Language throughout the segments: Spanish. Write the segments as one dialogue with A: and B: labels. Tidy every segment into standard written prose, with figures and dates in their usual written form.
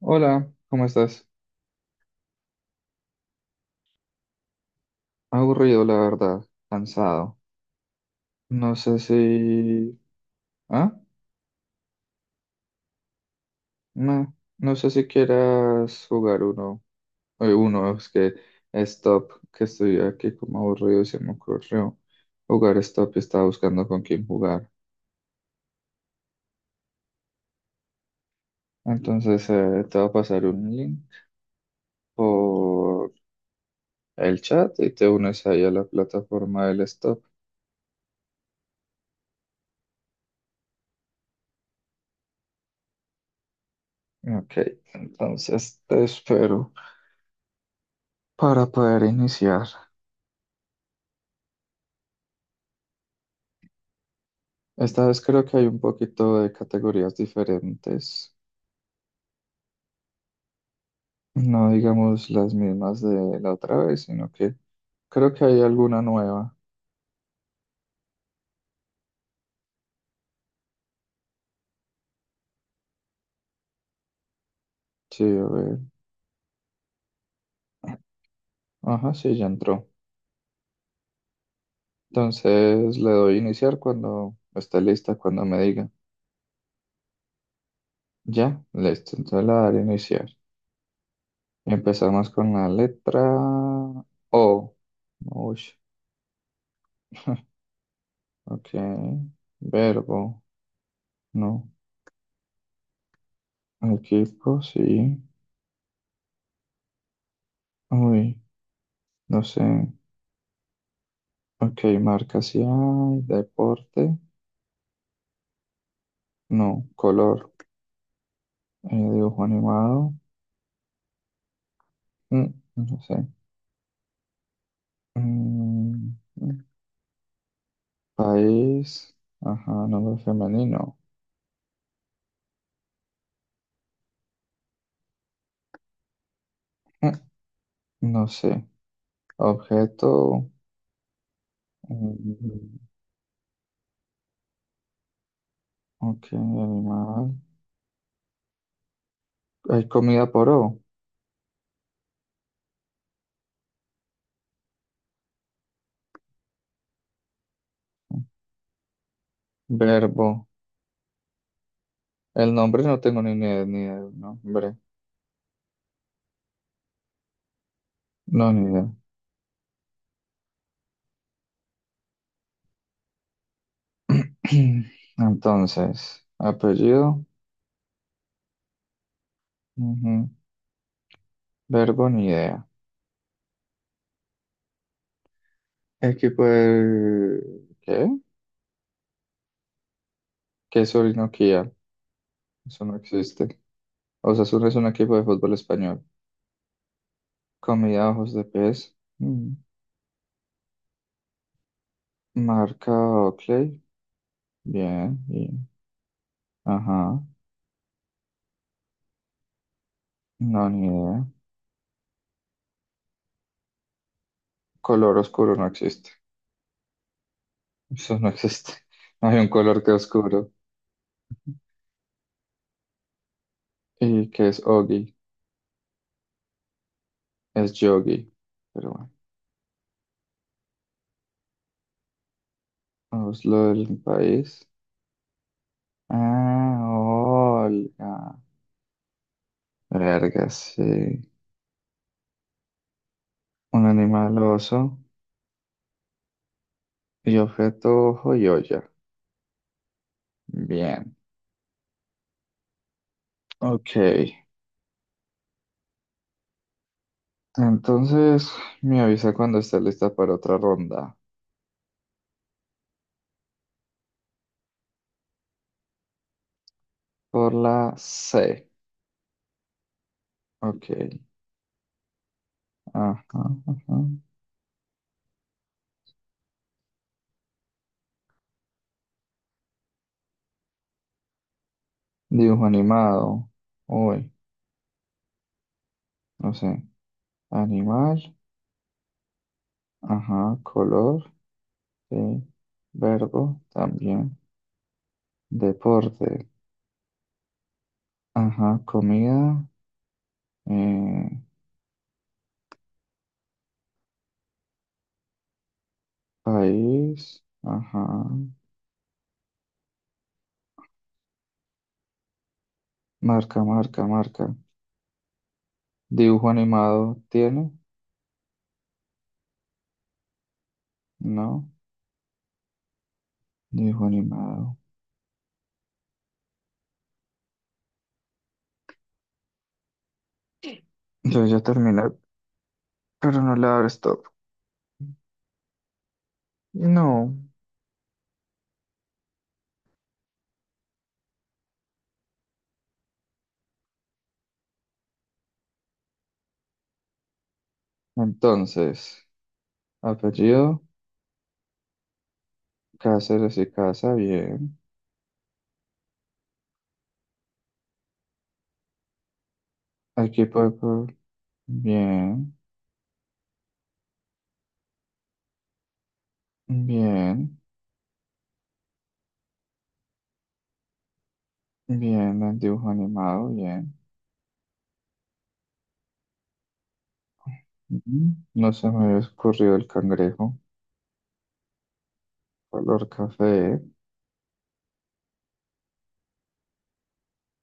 A: Hola, ¿cómo estás? Aburrido, la verdad, cansado. No sé si... ¿Ah? No, no sé si quieras jugar uno. Uno, es que Stop, que estoy aquí como aburrido y se me ocurrió jugar Stop y estaba buscando con quién jugar. Entonces te voy a pasar un link por el chat y te unes ahí a la plataforma del Stop. Ok, entonces te espero para poder iniciar. Esta vez creo que hay un poquito de categorías diferentes, no digamos las mismas de la otra vez, sino que creo que hay alguna nueva. Sí, a ver. Ajá, sí, ya entró. Entonces le doy iniciar cuando esté lista, cuando me diga. Ya, listo. Entonces le daré iniciar. Empezamos con la letra O. Uy, ok. Verbo, no. Equipo, sí. Uy, no sé. Ok, marca sí hay, deporte, no, color, dibujo animado, mm, no sé. Mm, mm, país, ajá, nombre femenino, mm, no sé. Objeto, mm, ok, animal. Hay comida por O, verbo. El nombre no tengo ni idea, ni idea del nombre, no, ni idea. Entonces, apellido, ujú, verbo, ni idea. Equipo del... ¿Qué? ¿Qué es Orinoquía? Eso no existe. Osasuna es un equipo de fútbol español. Comida ojos de pez. Mm. Marca Oakley. Bien, bien. Ajá. No, ni idea. Color oscuro no existe. Eso no existe. No hay un color que oscuro. ¿Y qué es Ogi? Es Yogi. Pero bueno. Vamos lo del país. Ah, Olga. Verga, sí. Un animal oso. Y objeto joyoya. Bien. Ok. Entonces me avisa cuando esté lista para otra ronda. Por la C. Ok. Ajá, ajá. Dibujo animado. Uy, no sé. Animal. Ajá. Color. Sí. Verbo. También. Deporte. Ajá. Comida. eh, país. Ajá. Marca. Dibujo animado. ¿Tiene? No. Dibujo animado. Yo ya terminé, pero no le abro stop. No. Entonces, apellido, Cáceres y Casa, bien. Equipo de bien, bien, bien. El dibujo animado, bien. Ujú. No se me había ocurrido el cangrejo. Color café,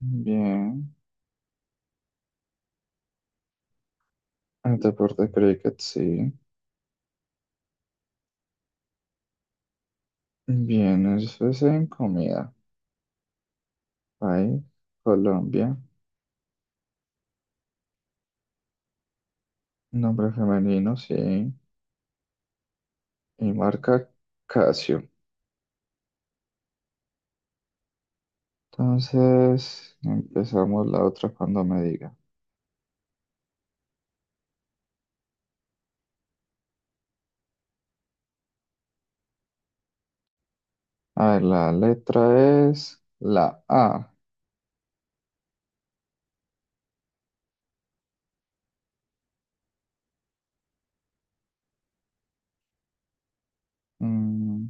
A: bien. El deporte cricket, sí. Bien, eso es en comida. Ahí, Colombia. Nombre femenino, sí. Y marca Casio. Entonces, empezamos la otra cuando me diga. A ver, la letra es la A. Mm,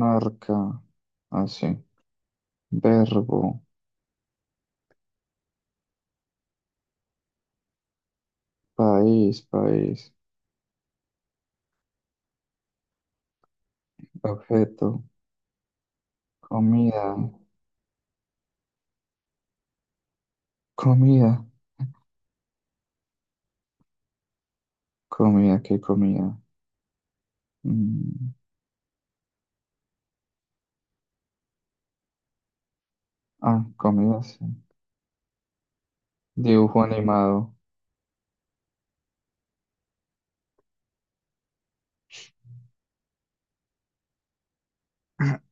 A: marca, así. Verbo, país. Objeto, comida, comida, comida, ¿qué comida? Mm, ah, comida, sí. Dibujo animado.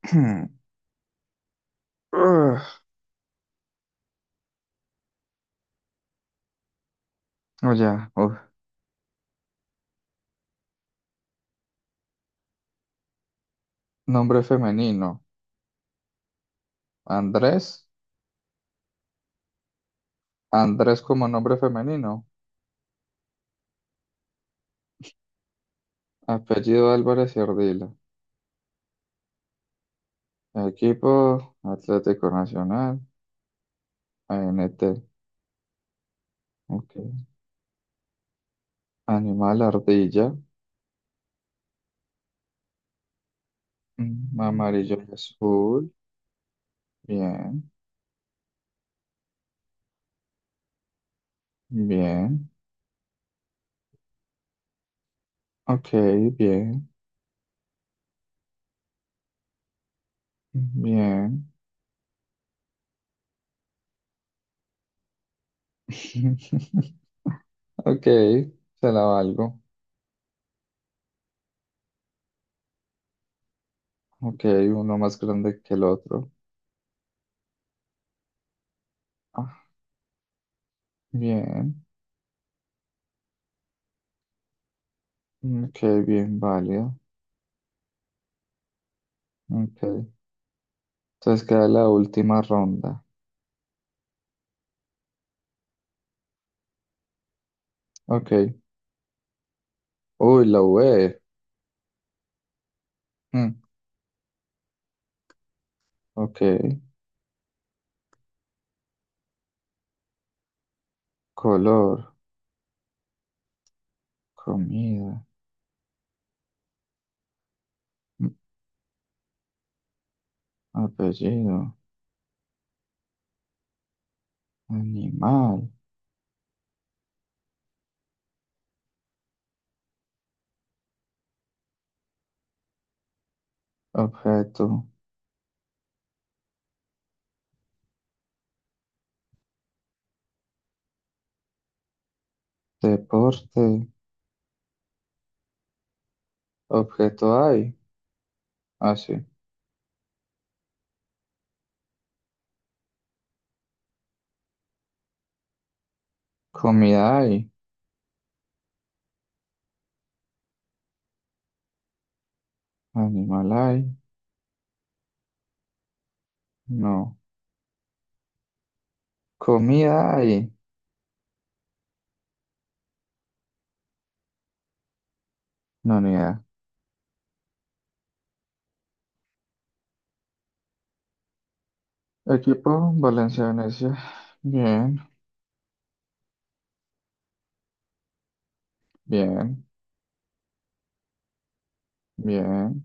A: Ugh, oh, ya. Uf. Nombre femenino. Andrés. Andrés como nombre femenino, apellido Álvarez y Ardila, equipo Atlético Nacional, A N T, ok. Animal ardilla, mm, amarillo y azul, bien, bien, ok, bien, bien, ok, se la valgo, ok, uno más grande que el otro, ah, bien, ok, bien válido, ok. Entonces queda la última ronda, ok, uy, la UE. Ok, color, comida, mm, apellido, animal, objeto, deporte, objeto hay, así, comida hay, animal hay, no, comida hay, no, ni idea. Equipo, Valencianesia, bien, bien, bien,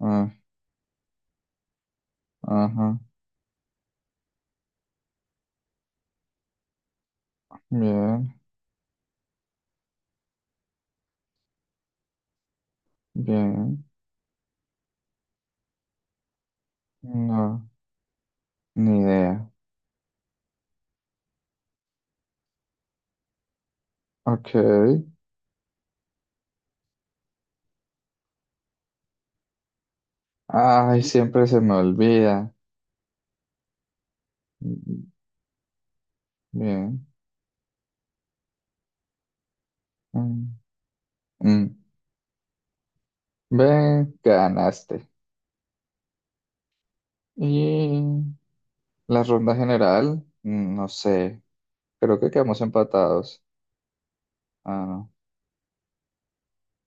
A: ah, ajá, bien, bien, no, ni idea. Ok, ay, siempre se me olvida. Mm, mm, bien. Mm. Mm, ve, ganaste. Y la ronda general, mm, no sé, creo que quedamos empatados. Ah, no.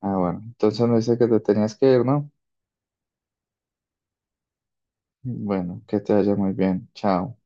A: Ah, bueno, entonces me dice que te tenías que ir, ¿no? Bueno, que te vaya muy bien. Chao.